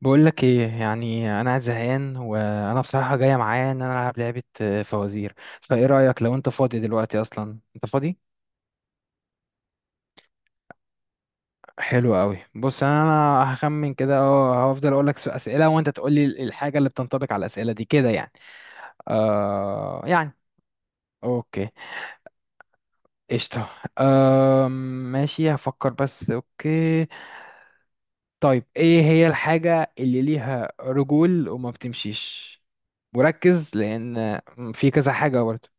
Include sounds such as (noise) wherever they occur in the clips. بقول لك ايه يعني انا قاعد زهقان وانا بصراحه جايه معايا ان انا العب لعبه فوازير. فايه رايك لو انت فاضي دلوقتي؟ اصلا انت فاضي. حلو قوي، بص انا هخمن كده، هفضل اقول لك اسئله وانت تقول لي الحاجه اللي بتنطبق على الاسئله دي كده يعني يعني. اوكي قشطه. آه، ماشي هفكر بس اوكي. طيب ايه هي الحاجه اللي ليها رجول وما بتمشيش؟ وركز لان في كذا حاجه برضه.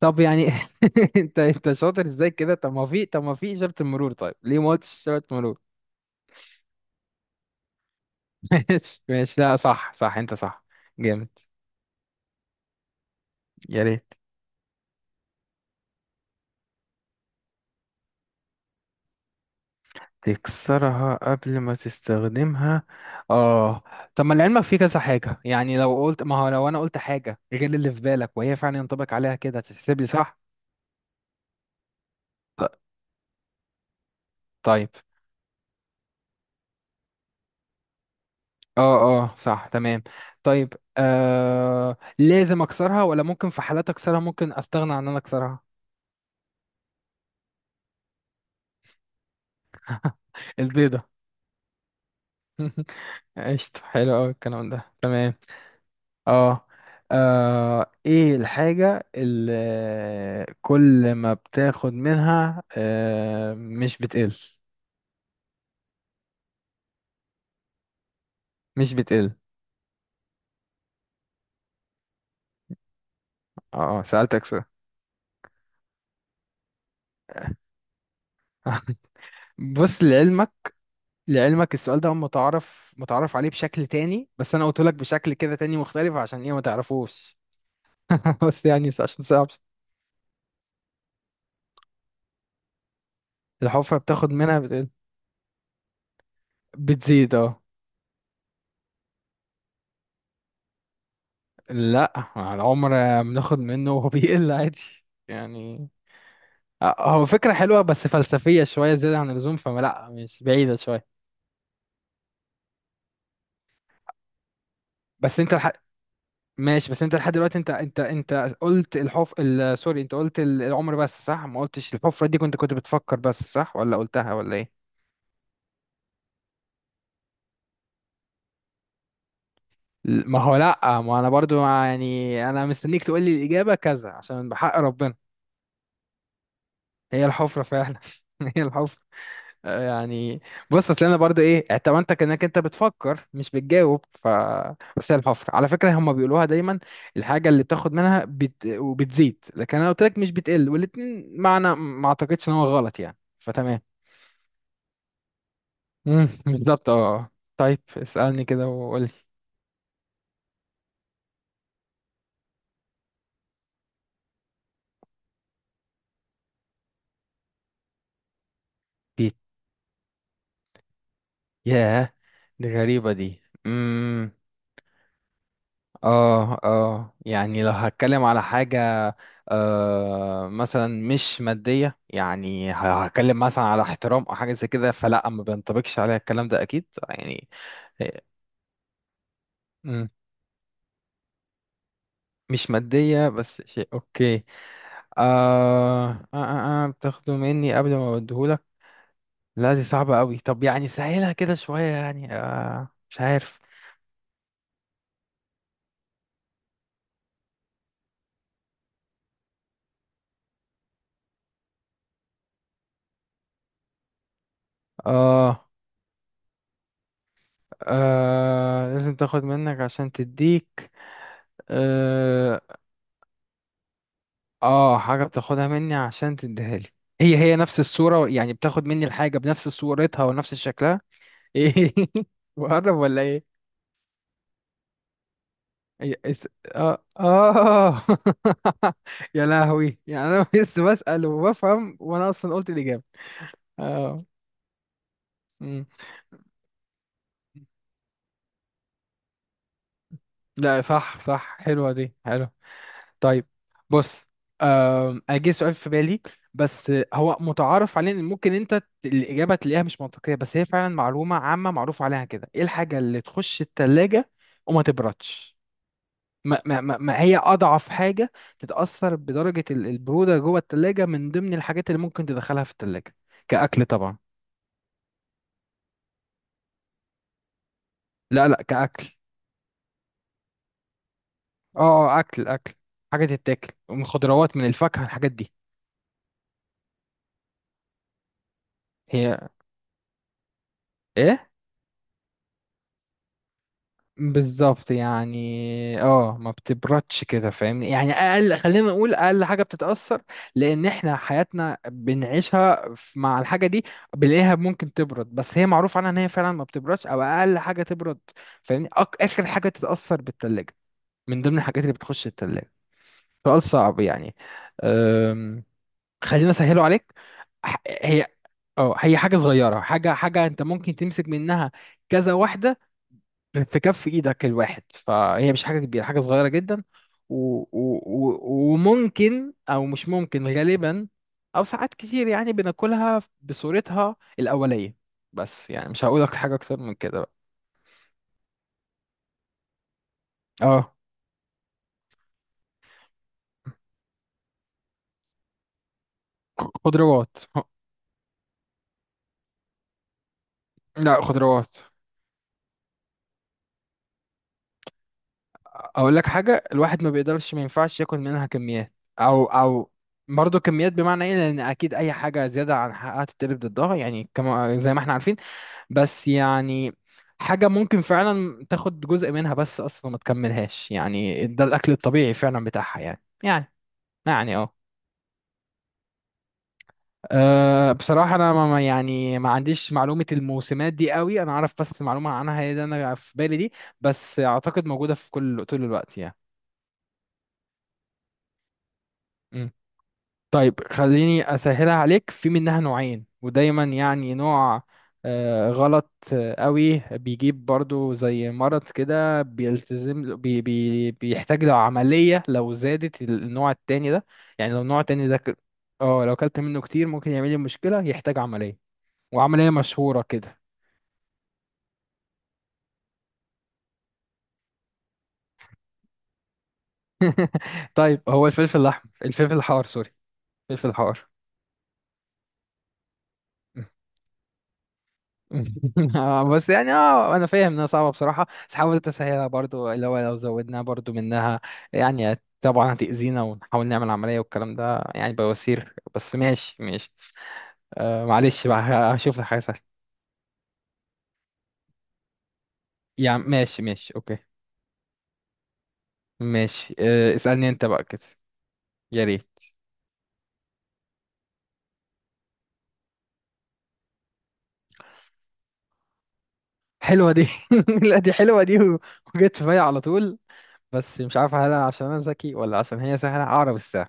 طب يعني (laughs) انت شاطر ازاي كده؟ طب ما في اشاره المرور. طيب ليه ما قلتش اشاره مرور؟ (laughs) ماشي ماشي، لا صح صح، انت صح. جامد. يا ريت. تكسرها قبل ما تستخدمها. اه. طب ما لعلمك في كذا حاجه يعني، لو قلت ما هو لو انا قلت حاجه غير اللي في بالك وهي فعلا ينطبق عليها كده هتتحسب لي صح؟ ط- طيب. اه اه صح تمام. طيب لازم اكسرها ولا ممكن في حالات اكسرها ممكن استغنى عن ان انا اكسرها؟ البيضه. (laughs) قشطة. حلو أوي الكلام ده، تمام. اه آه، ايه الحاجة اللي كل ما بتاخد منها مش بتقل؟ مش بتقل. اه آه، سألتك سؤال. (laughs) بص لعلمك. لعلمك السؤال ده، هم متعرف عليه بشكل تاني، بس انا قلت لك بشكل كده تاني مختلف، عشان ايه؟ ما تعرفوش. (laughs) بس يعني عشان صعب. الحفرة بتاخد منها بتقل. بتزيد اه. لا، مع العمر بناخد منه وهو بيقل عادي يعني. آه، هو فكرة حلوة بس فلسفية شوية زيادة عن اللزوم، فلا مش بعيدة شوية. بس انت لح... ماشي. بس انت لحد دلوقتي، انت قلت سوري، انت قلت العمر بس صح، ما قلتش الحفرة دي، كنت بتفكر بس صح، ولا قلتها ولا ايه؟ ما هو لا، ما انا برضو يعني انا مستنيك تقول لي الإجابة كذا عشان بحق ربنا. هي الحفرة فعلا. (laughs) هي الحفرة يعني. بص اصل انا برضه ايه، اعتمدتك انك انت بتفكر مش بتجاوب، ف بس هي الحفر على فكره هم بيقولوها دايما. الحاجه اللي بتاخد منها وبتزيد، لكن انا قلت لك مش بتقل والاتنين معنى، ما اعتقدش ان هو غلط يعني، فتمام. (laughs) بالظبط. اه آه. طيب اسالني كده وقول لي. بيت. ياه، دي غريبه دي. اه اه، يعني لو هتكلم على حاجة مثلا مش مادية يعني، هتكلم مثلا على احترام او حاجة زي كده، فلا ما بينطبقش عليها الكلام ده اكيد يعني. إيه، مم، مش مادية بس شيء، اوكي. آه آه آه آه، بتاخده مني قبل ما بديهولك؟ لا دي صعبة قوي، طب يعني سهلها كده شوية يعني، مش عارف. آه. آه لازم تاخد منك عشان تديك. آه. اه حاجة بتاخدها مني عشان تديها لي. هي هي نفس الصورة، يعني بتاخد مني الحاجة بنفس صورتها ونفس شكلها. ايه؟ (laughs) بقرب ولا ايه؟ هي- اس- اه اه. (laughs) يا لهوي، يعني انا (laughs) بس بسأل وبفهم وانا اصلا قلت الإجابة. اه. أمم. لا صح صح، حلوة دي حلوة. طيب بص. انا جه سؤال في بالي، بس هو متعارف عليه ان ممكن انت الاجابه تلاقيها مش منطقيه، بس هي فعلا معلومه عامه معروف عليها كده. ايه الحاجه اللي تخش التلاجة وما تبردش؟ ما هي اضعف حاجه تتاثر بدرجه البروده جوه التلاجة من ضمن الحاجات اللي ممكن تدخلها في التلاجة؟ كاكل طبعا. لا لا كاكل. اه آه، اكل اكل، حاجه تتاكل من خضروات من الفاكهه، الحاجات دي. هي ايه؟ بالظبط، يعني اه ما بتبردش كده فاهمني يعني، اقل، خلينا نقول اقل حاجه بتتاثر، لان احنا حياتنا بنعيشها مع الحاجه دي، بنلاقيها ممكن تبرد بس هي معروف عنها ان هي فعلا ما بتبردش او اقل حاجه تبرد، فاهمني؟ اخر حاجه تتاثر بالتلاجة من ضمن الحاجات اللي بتخش التلاجة. سؤال صعب يعني. أم، خلينا اسهله عليك. هي، اه هي حاجه صغيره، حاجه، حاجه انت ممكن تمسك منها كذا واحده في كف ايدك الواحد، فهي مش حاجه كبيره، حاجه صغيره جدا. و... و... و... وممكن او مش ممكن غالبا، او ساعات كتير يعني بناكلها بصورتها الاوليه، بس يعني مش هقول لك حاجه اكتر من كده بقى. اه. خضروات. لا خضروات. اقول لك حاجه، الواحد ما بيقدرش، ما ينفعش ياكل منها كميات، او او برضه كميات، بمعنى ايه؟ لان اكيد اي حاجه زياده عن حقها تتقلب ضدها يعني، كما زي ما احنا عارفين. بس يعني حاجة ممكن فعلا تاخد جزء منها بس أصلا ما تكملهاش، يعني ده الأكل الطبيعي فعلا بتاعها يعني يعني يعني اه. أه بصراحة أنا يعني ما عنديش معلومة الموسمات دي قوي، أنا أعرف بس معلومة عنها هي اللي أنا في بالي دي، بس أعتقد موجودة في كل طول الوقت يعني. طيب خليني أسهلها عليك. في منها نوعين، ودايما يعني نوع آه، غلط آه، قوي بيجيب برضو زي مرض كده، بيلتزم له- بي بي بيحتاج له عملية لو زادت النوع التاني ده، يعني لو النوع التاني ده اه لو كلت منه كتير ممكن يعمل لي مشكلة، يحتاج عملية، وعملية مشهورة كده. (laughs) طيب هو الفلفل الأحمر، الفلفل الحار، سوري، الفلفل الحار. (laughs) آه، بس يعني اه انا فاهم انها صعبه بصراحه، بس حاولت اسهلها برضو اللي هو لو زودنا برضو منها يعني طبعا هتأذينا، ونحاول نعمل عمليه والكلام ده يعني، بواسير، بس ماشي ماشي. آه معلش بقى، هشوف لك حاجه سهله يعني، ماشي ماشي اوكي. ماشي آه، اسألني انت بقى كده. يا ريت. حلوه دي. (laughs) لا دي حلوه، وجت في بالي على طول، بس مش عارف هل عشان انا ذكي ولا عشان هي سهله. اعرف الساعه.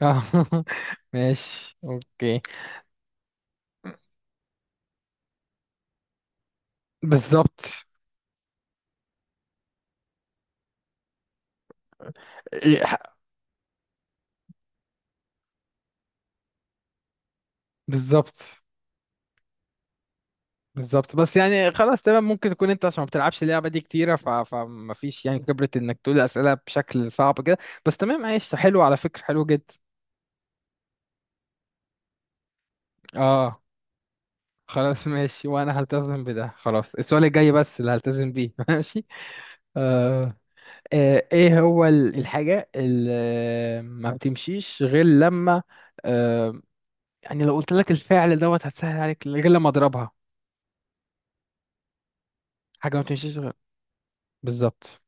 (laughs) ماشي اوكي. بالظبط بالظبط بالظبط، بس يعني خلاص تمام. ممكن تكون انت عشان ما بتلعبش اللعبه دي كتيره، فما فيش يعني خبره انك تقول اسئله بشكل صعب كده، بس تمام عايش، حلو على فكره، حلو جدا. اه خلاص ماشي، وانا هلتزم بده خلاص، السؤال الجاي بس اللي هلتزم بيه (laughs) ماشي. آه. آه. ايه هو الحاجه اللي ما بتمشيش غير لما آه. يعني لو قلت لك الفعل دوت هتسهل عليك، غير لما اضربها، حاجه ما بتمشيش غير. بالظبط.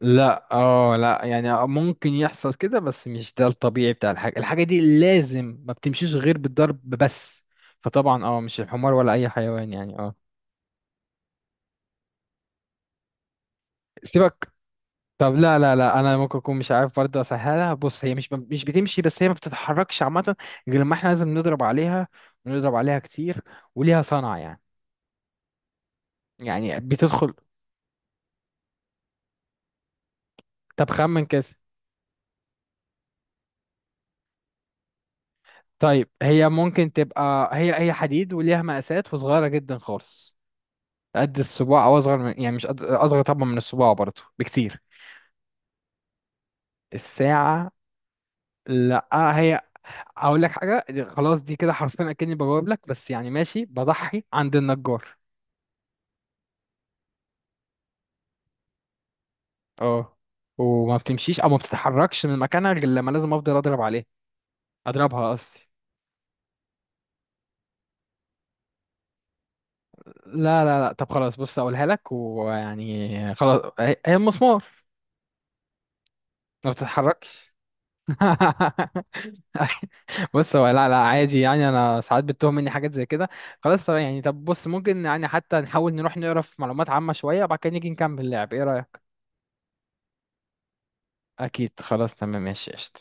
لا اه لا، يعني ممكن يحصل كده بس مش ده الطبيعي بتاع الحاجة، الحاجة دي لازم ما بتمشيش غير بالضرب بس، فطبعا اه مش الحمار ولا اي حيوان يعني اه. سيبك. طب لا لا لا انا ممكن اكون مش عارف برضه اسهلها، بص هي مش بتمشي، بس هي ما بتتحركش عامة غير لما احنا لازم نضرب عليها ونضرب عليها كتير، وليها صنع يعني، يعني بتدخل. طب خمن كده. طيب هي ممكن تبقى هي هي حديد، وليها مقاسات وصغيرة جدا خالص، قد الصباع او اصغر من يعني مش قد، اصغر طبعا من الصباع برضه بكتير. الساعه. لا. هي، اقول لك حاجه، خلاص دي كده حرفيا اكني بجاوب لك بس يعني ماشي، بضحي عند النجار. اه. وما بتمشيش او ما بتتحركش من مكانها غير لما لازم افضل اضرب عليه، اضربها قصدي. لا لا لا طب خلاص، بص اقولها لك ويعني خلاص، هي هي المسمار، ما بتتحركش. (laughs) (laughs) بص هو لا لا عادي يعني، انا ساعات بتتوه مني حاجات زي كده. خلاص طب يعني، طب بص ممكن يعني حتى نحاول نروح نقرا في معلومات عامة شوية وبعد كده نيجي نكمل اللعب، ايه رأيك؟ اكيد خلاص تمام ماشي قشطة.